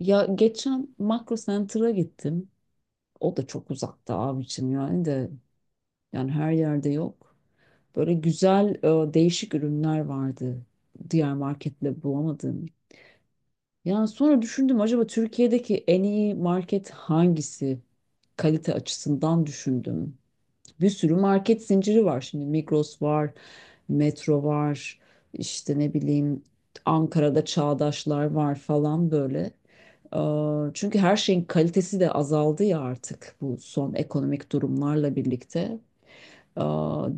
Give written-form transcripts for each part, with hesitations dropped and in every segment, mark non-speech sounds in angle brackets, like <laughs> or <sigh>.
Ya geçen Makro Center'a gittim. O da çok uzakta abi için, yani de yani her yerde yok. Böyle güzel, değişik ürünler vardı. Diğer marketle bulamadım. Yani sonra düşündüm, acaba Türkiye'deki en iyi market hangisi? Kalite açısından düşündüm. Bir sürü market zinciri var şimdi. Migros var, Metro var, işte ne bileyim, Ankara'da Çağdaşlar var falan böyle. Çünkü her şeyin kalitesi de azaldı ya artık, bu son ekonomik durumlarla birlikte. Eee,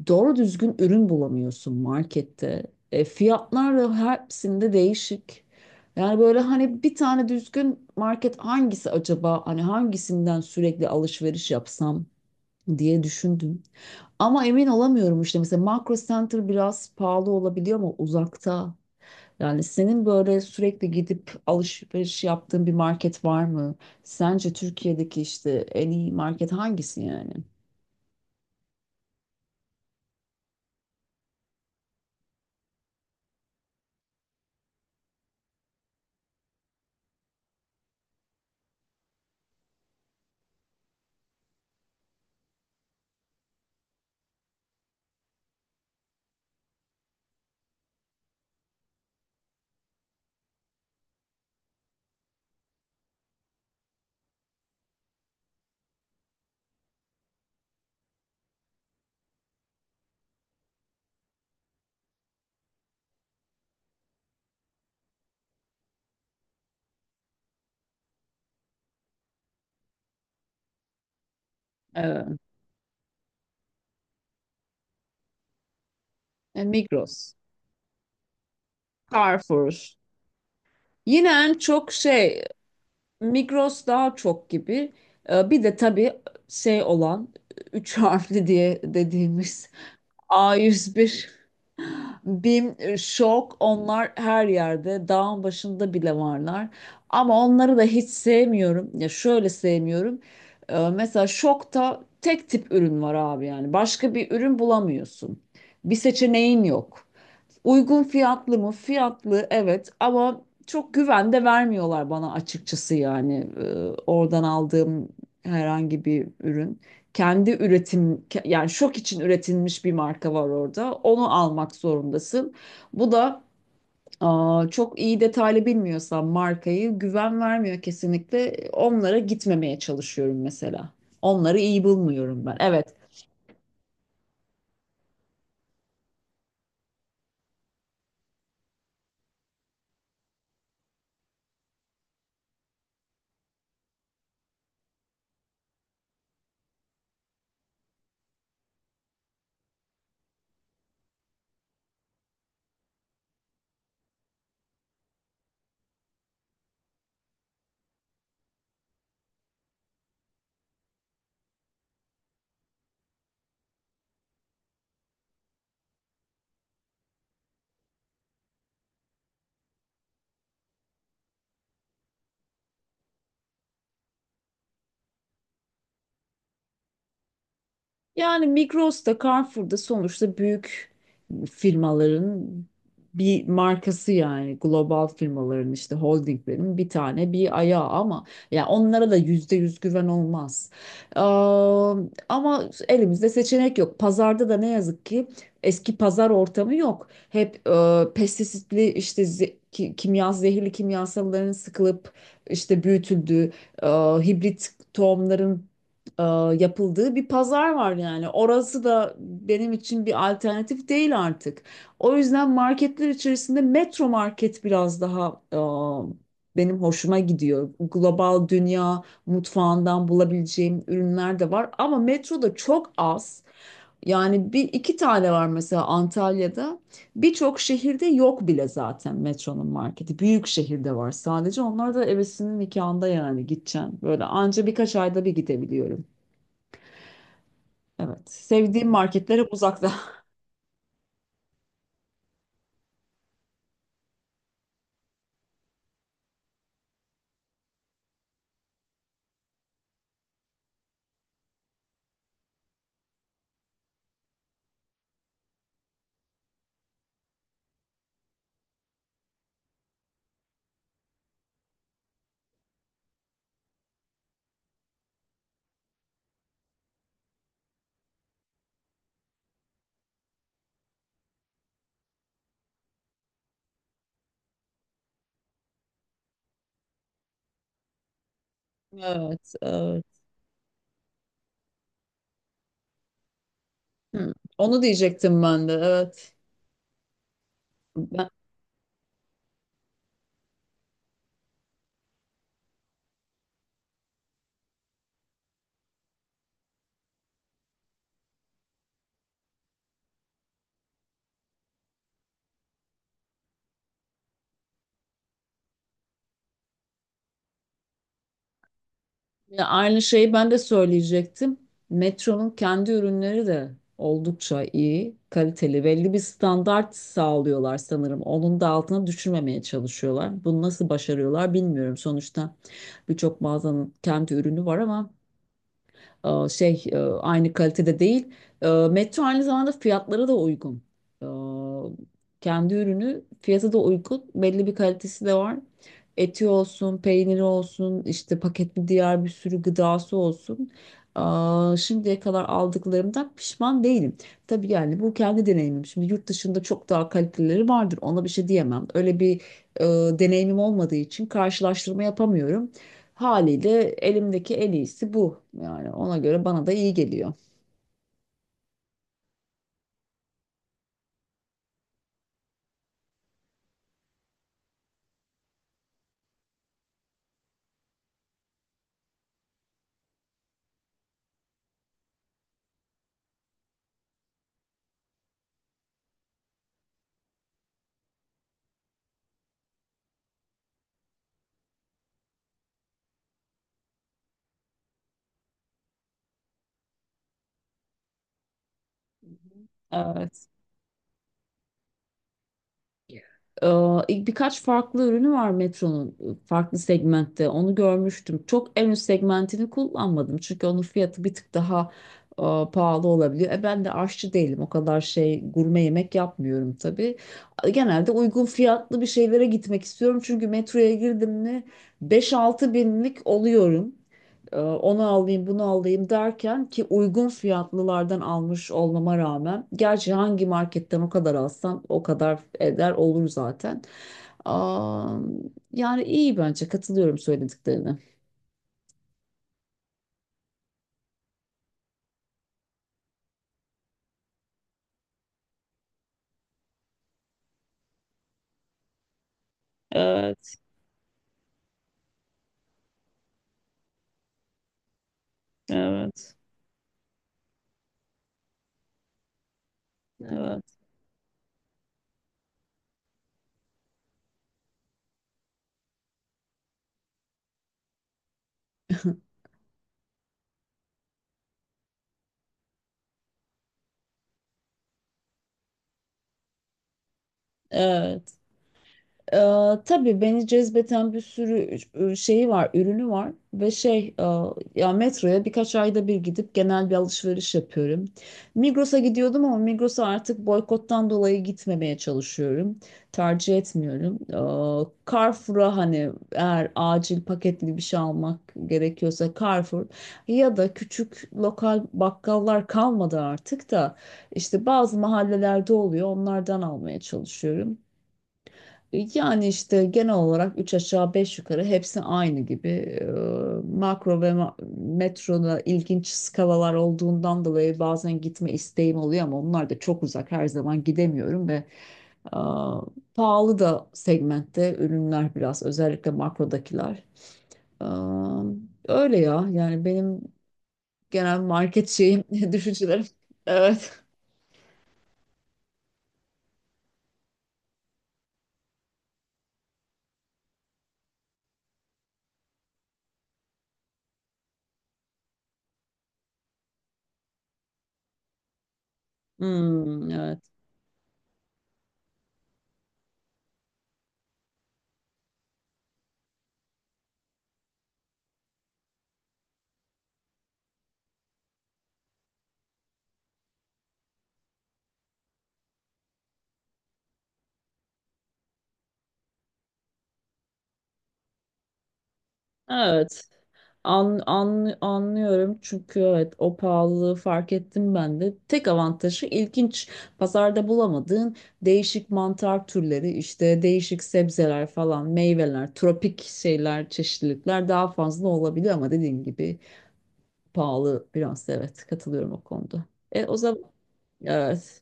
Doğru düzgün ürün bulamıyorsun markette. Fiyatlar da hepsinde değişik. Yani böyle hani, bir tane düzgün market hangisi acaba? Hani hangisinden sürekli alışveriş yapsam diye düşündüm. Ama emin olamıyorum işte, mesela Makro Center biraz pahalı olabiliyor ama uzakta. Yani senin böyle sürekli gidip alışveriş yaptığın bir market var mı? Sence Türkiye'deki işte en iyi market hangisi yani? Evet. Migros, Carrefour. Yine en çok şey, Migros daha çok gibi. Bir de tabii şey olan, üç harfli diye dediğimiz A101, BİM, Şok, onlar her yerde. Dağın başında bile varlar. Ama onları da hiç sevmiyorum. Ya şöyle sevmiyorum. Mesela Şok'ta tek tip ürün var abi yani. Başka bir ürün bulamıyorsun. Bir seçeneğin yok. Uygun fiyatlı mı? Fiyatlı, evet, ama çok güven de vermiyorlar bana, açıkçası yani. Oradan aldığım herhangi bir ürün. Kendi üretim yani Şok için üretilmiş bir marka var orada. Onu almak zorundasın. Bu da, çok iyi detaylı bilmiyorsam markayı, güven vermiyor kesinlikle. Onlara gitmemeye çalışıyorum mesela. Onları iyi bulmuyorum ben. Evet. Yani Migros'ta, Carrefour'da sonuçta büyük firmaların bir markası, yani global firmaların işte holdinglerin bir tane bir ayağı. Ama ya onlara da %100 güven olmaz. Ee, ama elimizde seçenek yok. Pazarda da ne yazık ki eski pazar ortamı yok. Hep pestisitli, işte kimya, zehirli kimyasalların sıkılıp işte büyütüldüğü, e, hibrit tohumların e, yapıldığı bir pazar var yani. Orası da benim için bir alternatif değil artık. O yüzden marketler içerisinde Metro Market biraz daha, benim hoşuma gidiyor. Global dünya mutfağından bulabileceğim ürünler de var, ama metroda çok az. Yani bir iki tane var mesela Antalya'da. Birçok şehirde yok bile zaten metronun marketi. Büyük şehirde var sadece. Onlar da evesinin nikahında yani gideceğim. Böyle anca birkaç ayda bir gidebiliyorum. Evet. Sevdiğim marketlere uzakta. <laughs> Evet, evet. Hı, onu diyecektim ben de. Evet. Ben, ya aynı şeyi ben de söyleyecektim. Metro'nun kendi ürünleri de oldukça iyi, kaliteli. Belli bir standart sağlıyorlar sanırım. Onun da altına düşürmemeye çalışıyorlar. Bunu nasıl başarıyorlar bilmiyorum. Sonuçta birçok mağazanın kendi ürünü var, ama aynı kalitede değil. Metro aynı zamanda fiyatları da uygun. E, kendi ürünü fiyatı da uygun. Belli bir kalitesi de var. Eti olsun, peyniri olsun, işte paketli diğer bir sürü gıdası olsun. Şimdiye kadar aldıklarımdan pişman değilim. Tabii yani bu kendi deneyimim. Şimdi yurt dışında çok daha kalitelileri vardır. Ona bir şey diyemem. Öyle bir e, deneyimim olmadığı için karşılaştırma yapamıyorum. Haliyle elimdeki en iyisi bu. Yani ona göre bana da iyi geliyor. Hı hı. Evet. Ee, ilk birkaç farklı ürünü var Metro'nun, farklı segmentte. Onu görmüştüm. Çok en üst segmentini kullanmadım. Çünkü onun fiyatı bir tık daha e, pahalı olabiliyor. Ben de aşçı değilim. O kadar şey gurme yemek yapmıyorum tabii. Genelde uygun fiyatlı bir şeylere gitmek istiyorum. Çünkü metroya girdim mi 5-6 binlik oluyorum. Onu alayım, bunu alayım derken ki, uygun fiyatlılardan almış olmama rağmen, gerçi hangi marketten o kadar alsam o kadar eder olur zaten. Aa, yani iyi, bence katılıyorum söylediklerine. Evet, evet, evet. Evet. Ee, tabii beni cezbeten bir sürü şeyi var, ürünü var, ve ya metroya birkaç ayda bir gidip genel bir alışveriş yapıyorum. Migros'a gidiyordum ama Migros'a artık boykottan dolayı gitmemeye çalışıyorum. Tercih etmiyorum. Carrefour'a hani eğer acil paketli bir şey almak gerekiyorsa Carrefour, ya da küçük lokal bakkallar kalmadı artık da, işte bazı mahallelerde oluyor, onlardan almaya çalışıyorum. Yani işte genel olarak 3 aşağı 5 yukarı hepsi aynı gibi. Ee, Makro ve metroda ilginç skalalar olduğundan dolayı bazen gitme isteğim oluyor, ama onlar da çok uzak. Her zaman gidemiyorum, ve aa, pahalı da segmentte ürünler biraz, özellikle makrodakiler. Aa, öyle ya, yani benim genel market şeyim <laughs> düşüncelerim. Evet. Hmm, evet. Evet. Anlıyorum, çünkü evet, o pahalılığı fark ettim ben de. Tek avantajı ilginç, pazarda bulamadığın değişik mantar türleri, işte değişik sebzeler falan, meyveler, tropik şeyler, çeşitlilikler daha fazla olabiliyor, ama dediğin gibi pahalı biraz, evet, katılıyorum o konuda. O zaman evet,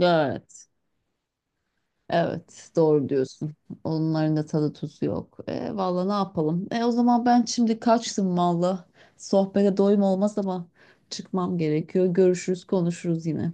evet. Evet, doğru diyorsun. Onların da tadı tuzu yok. Valla ne yapalım? O zaman ben şimdi kaçtım valla. Sohbete doyum olmaz ama çıkmam gerekiyor. Görüşürüz, konuşuruz yine.